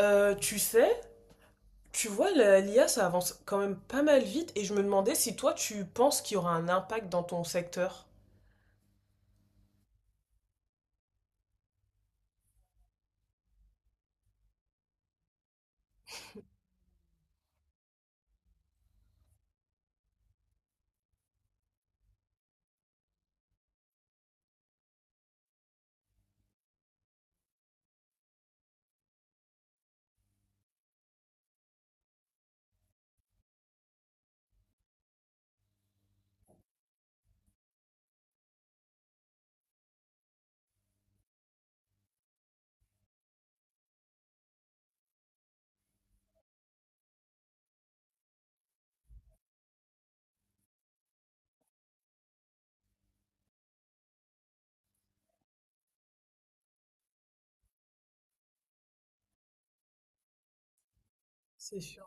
Tu sais, tu vois, l'IA, ça avance quand même pas mal vite et je me demandais si toi, tu penses qu'il y aura un impact dans ton secteur. C'est sûr.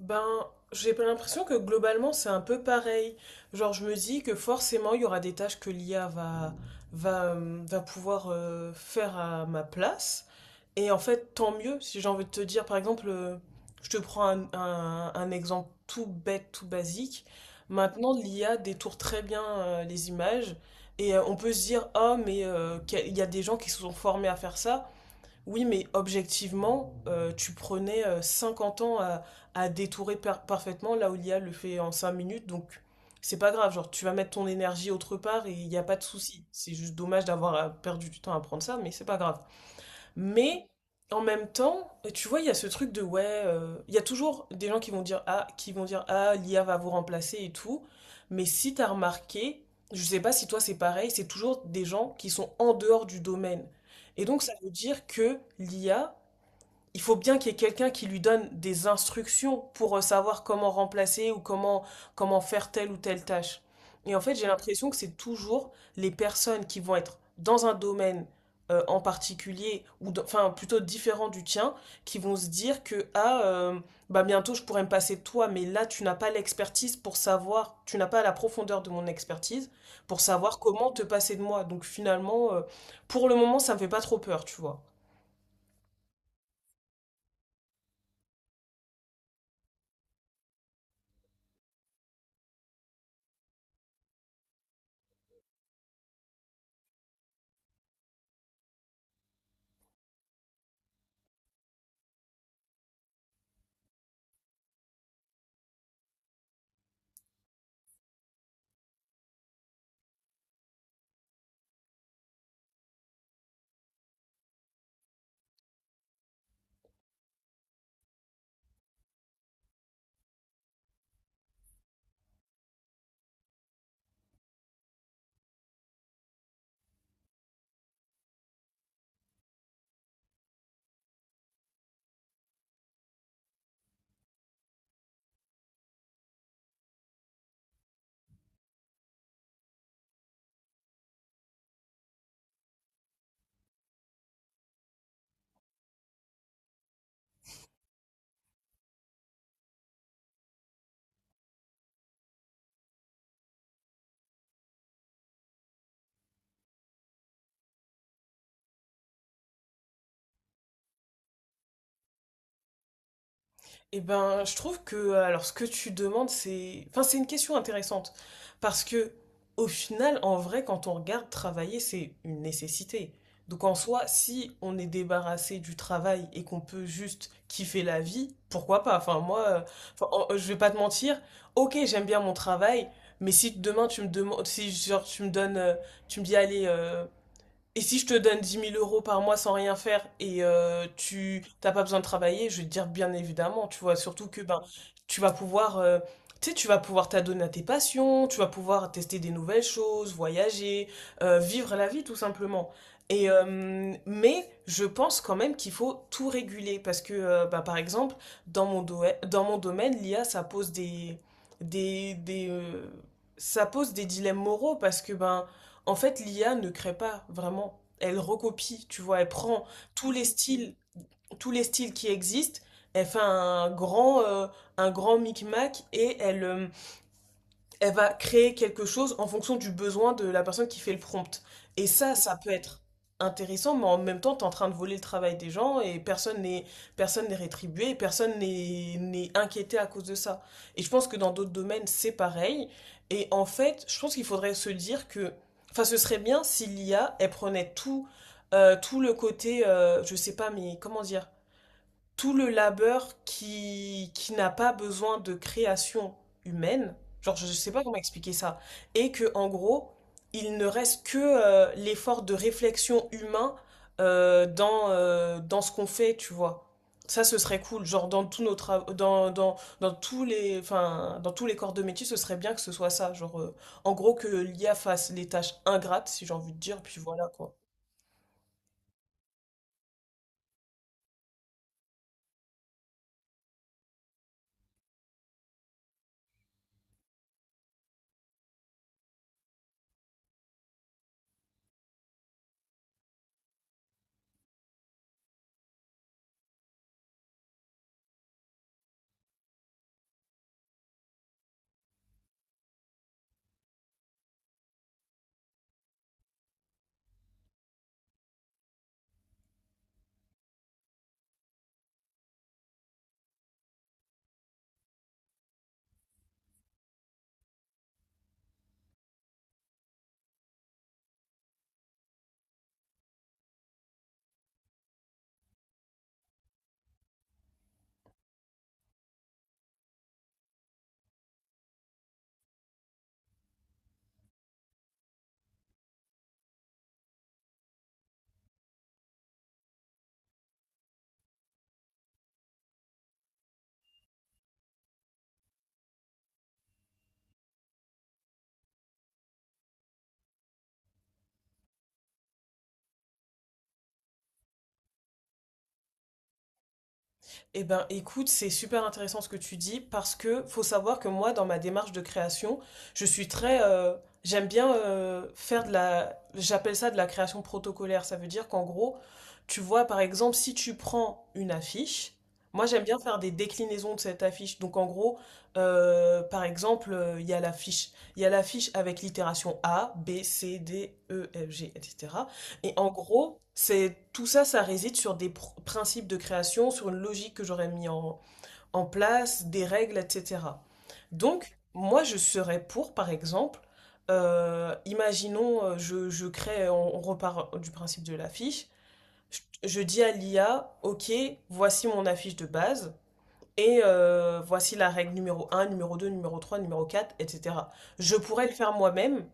Ben, j'ai pas l'impression que globalement, c'est un peu pareil. Genre, je me dis que forcément, il y aura des tâches que l'IA va pouvoir faire à ma place. Et en fait, tant mieux, si j'ai envie de te dire, par exemple, je te prends un exemple tout bête, tout basique. Maintenant, l'IA détourne très bien les images et on peut se dire, ah, mais il y a des gens qui se sont formés à faire ça. Oui, mais objectivement, tu prenais 50 ans à détourer parfaitement là où l'IA le fait en 5 minutes, donc c'est pas grave, genre tu vas mettre ton énergie autre part et il n'y a pas de souci. C'est juste dommage d'avoir perdu du temps à prendre ça, mais c'est pas grave. Mais en même temps, tu vois, il y a ce truc de il y a toujours des gens qui vont dire ah, l'IA va vous remplacer et tout. Mais si t'as remarqué, je sais pas si toi c'est pareil, c'est toujours des gens qui sont en dehors du domaine. Et donc ça veut dire que l'IA il faut bien qu'il y ait quelqu'un qui lui donne des instructions pour savoir comment remplacer ou comment faire telle ou telle tâche. Et en fait, j'ai l'impression que c'est toujours les personnes qui vont être dans un domaine en particulier, ou enfin plutôt différent du tien, qui vont se dire que ah, bah bientôt je pourrais me passer de toi, mais là tu n'as pas l'expertise pour savoir, tu n'as pas la profondeur de mon expertise pour savoir comment te passer de moi. Donc finalement, pour le moment, ça me fait pas trop peur, tu vois. Eh ben, je trouve que alors ce que tu demandes, c'est, enfin, c'est une question intéressante parce que au final, en vrai, quand on regarde travailler, c'est une nécessité. Donc en soi, si on est débarrassé du travail et qu'on peut juste kiffer la vie, pourquoi pas? Enfin moi, enfin, je vais pas te mentir. Ok, j'aime bien mon travail, mais si demain tu me demandes, si genre tu me donnes, tu me dis allez et si je te donne 10 000 euros par mois sans rien faire et tu t'as pas besoin de travailler, je vais te dire bien évidemment, tu vois, surtout que ben tu vas pouvoir tu sais, tu vas pouvoir t'adonner à tes passions, tu vas pouvoir tester des nouvelles choses, voyager, vivre la vie tout simplement. Mais je pense quand même qu'il faut tout réguler parce que bah, par exemple, dans mon domaine, l'IA des des euh, ça pose des dilemmes moraux parce que ben en fait, l'IA ne crée pas vraiment. Elle recopie, tu vois, elle prend tous les styles, tous les styles qui existent, elle fait un grand micmac et elle va créer quelque chose en fonction du besoin de la personne qui fait le prompt. Et ça peut être intéressant, mais en même temps, tu es en train de voler le travail des gens et personne n'est rétribué, et personne n'est inquiété à cause de ça. Et je pense que dans d'autres domaines, c'est pareil. Et en fait, je pense qu'il faudrait se dire que, enfin, ce serait bien si l'IA, elle prenait tout, tout le côté, je sais pas, mais comment dire, tout le labeur qui n'a pas besoin de création humaine. Genre, je ne sais pas comment expliquer ça. Et que, en gros, il ne reste que l'effort de réflexion humain dans ce qu'on fait, tu vois. Ça, ce serait cool. Genre, dans tous les, enfin, dans tous les corps de métier, ce serait bien que ce soit ça. Genre, en gros, que l'IA fasse les tâches ingrates, si j'ai envie de dire, puis voilà, quoi. Eh ben, écoute, c'est super intéressant ce que tu dis parce que faut savoir que moi, dans ma démarche de création, je suis très, j'aime bien j'appelle ça de la création protocolaire. Ça veut dire qu'en gros, tu vois, par exemple, si tu prends une affiche, moi, j'aime bien faire des déclinaisons de cette affiche. Donc, en gros, par exemple, il y a l'affiche avec l'itération A, B, C, D, E, F, G, etc. Et en gros, c'est tout ça, ça réside sur des principes de création, sur une logique que j'aurais mis en place, des règles, etc. Donc, moi, je serais pour, par exemple, imaginons, je crée, on repart du principe de l'affiche, je dis à l'IA, OK, voici mon affiche de base, et voici la règle numéro un, numéro 2, numéro 3, numéro 4, etc. Je pourrais le faire moi-même,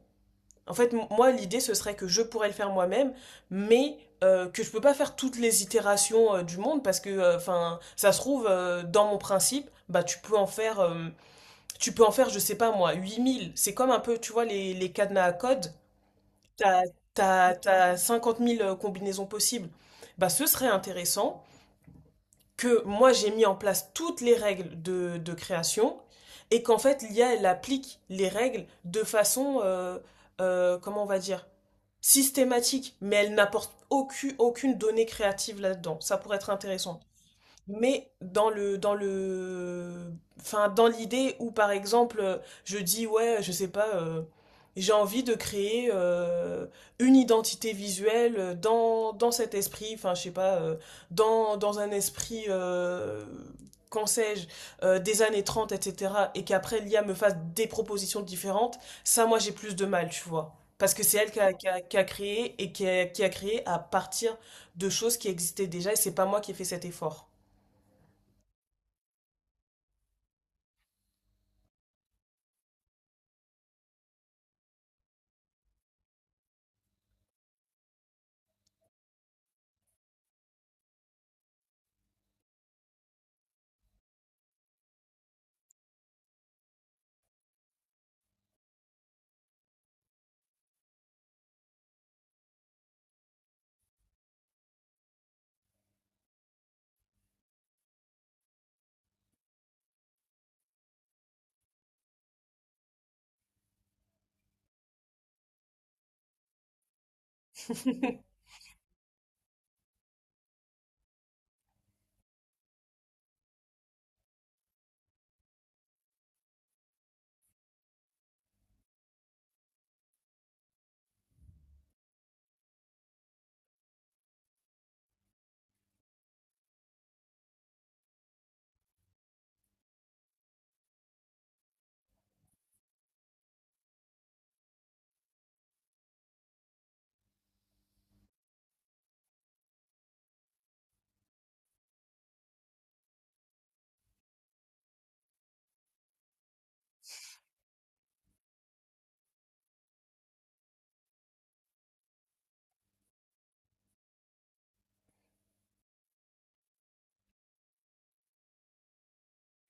en fait, moi, l'idée, ce serait que je pourrais le faire moi-même, mais que je peux pas faire toutes les itérations du monde parce que, enfin, ça se trouve, dans mon principe, bah, tu peux en faire, je sais pas moi, 8 000. C'est comme un peu, tu vois, les cadenas à code. T'as, t'as 50 000 combinaisons possibles. Bah, ce serait intéressant que moi j'ai mis en place toutes les règles de création et qu'en fait l'I a elle applique les règles de façon, comment on va dire, systématique, mais elle n'apporte aucune donnée créative là-dedans. Ça pourrait être intéressant. Mais enfin, dans l'idée où, par exemple, je dis, ouais, je sais pas, j'ai envie de créer une identité visuelle dans cet esprit, enfin, je sais pas, dans un esprit, qu'en sais-je, des années 30, etc., et qu'après l'IA me fasse des propositions différentes, ça, moi, j'ai plus de mal, tu vois. Parce que c'est elle qui a créé et qui a créé à partir de choses qui existaient déjà, et c'est pas moi qui ai fait cet effort.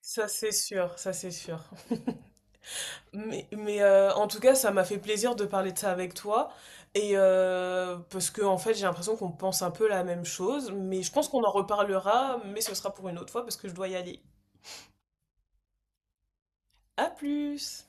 Ça c'est sûr, ça c'est sûr. Mais, en tout cas, ça m'a fait plaisir de parler de ça avec toi. Et parce que en fait, j'ai l'impression qu'on pense un peu la même chose. Mais je pense qu'on en reparlera, mais ce sera pour une autre fois parce que je dois y aller. À plus!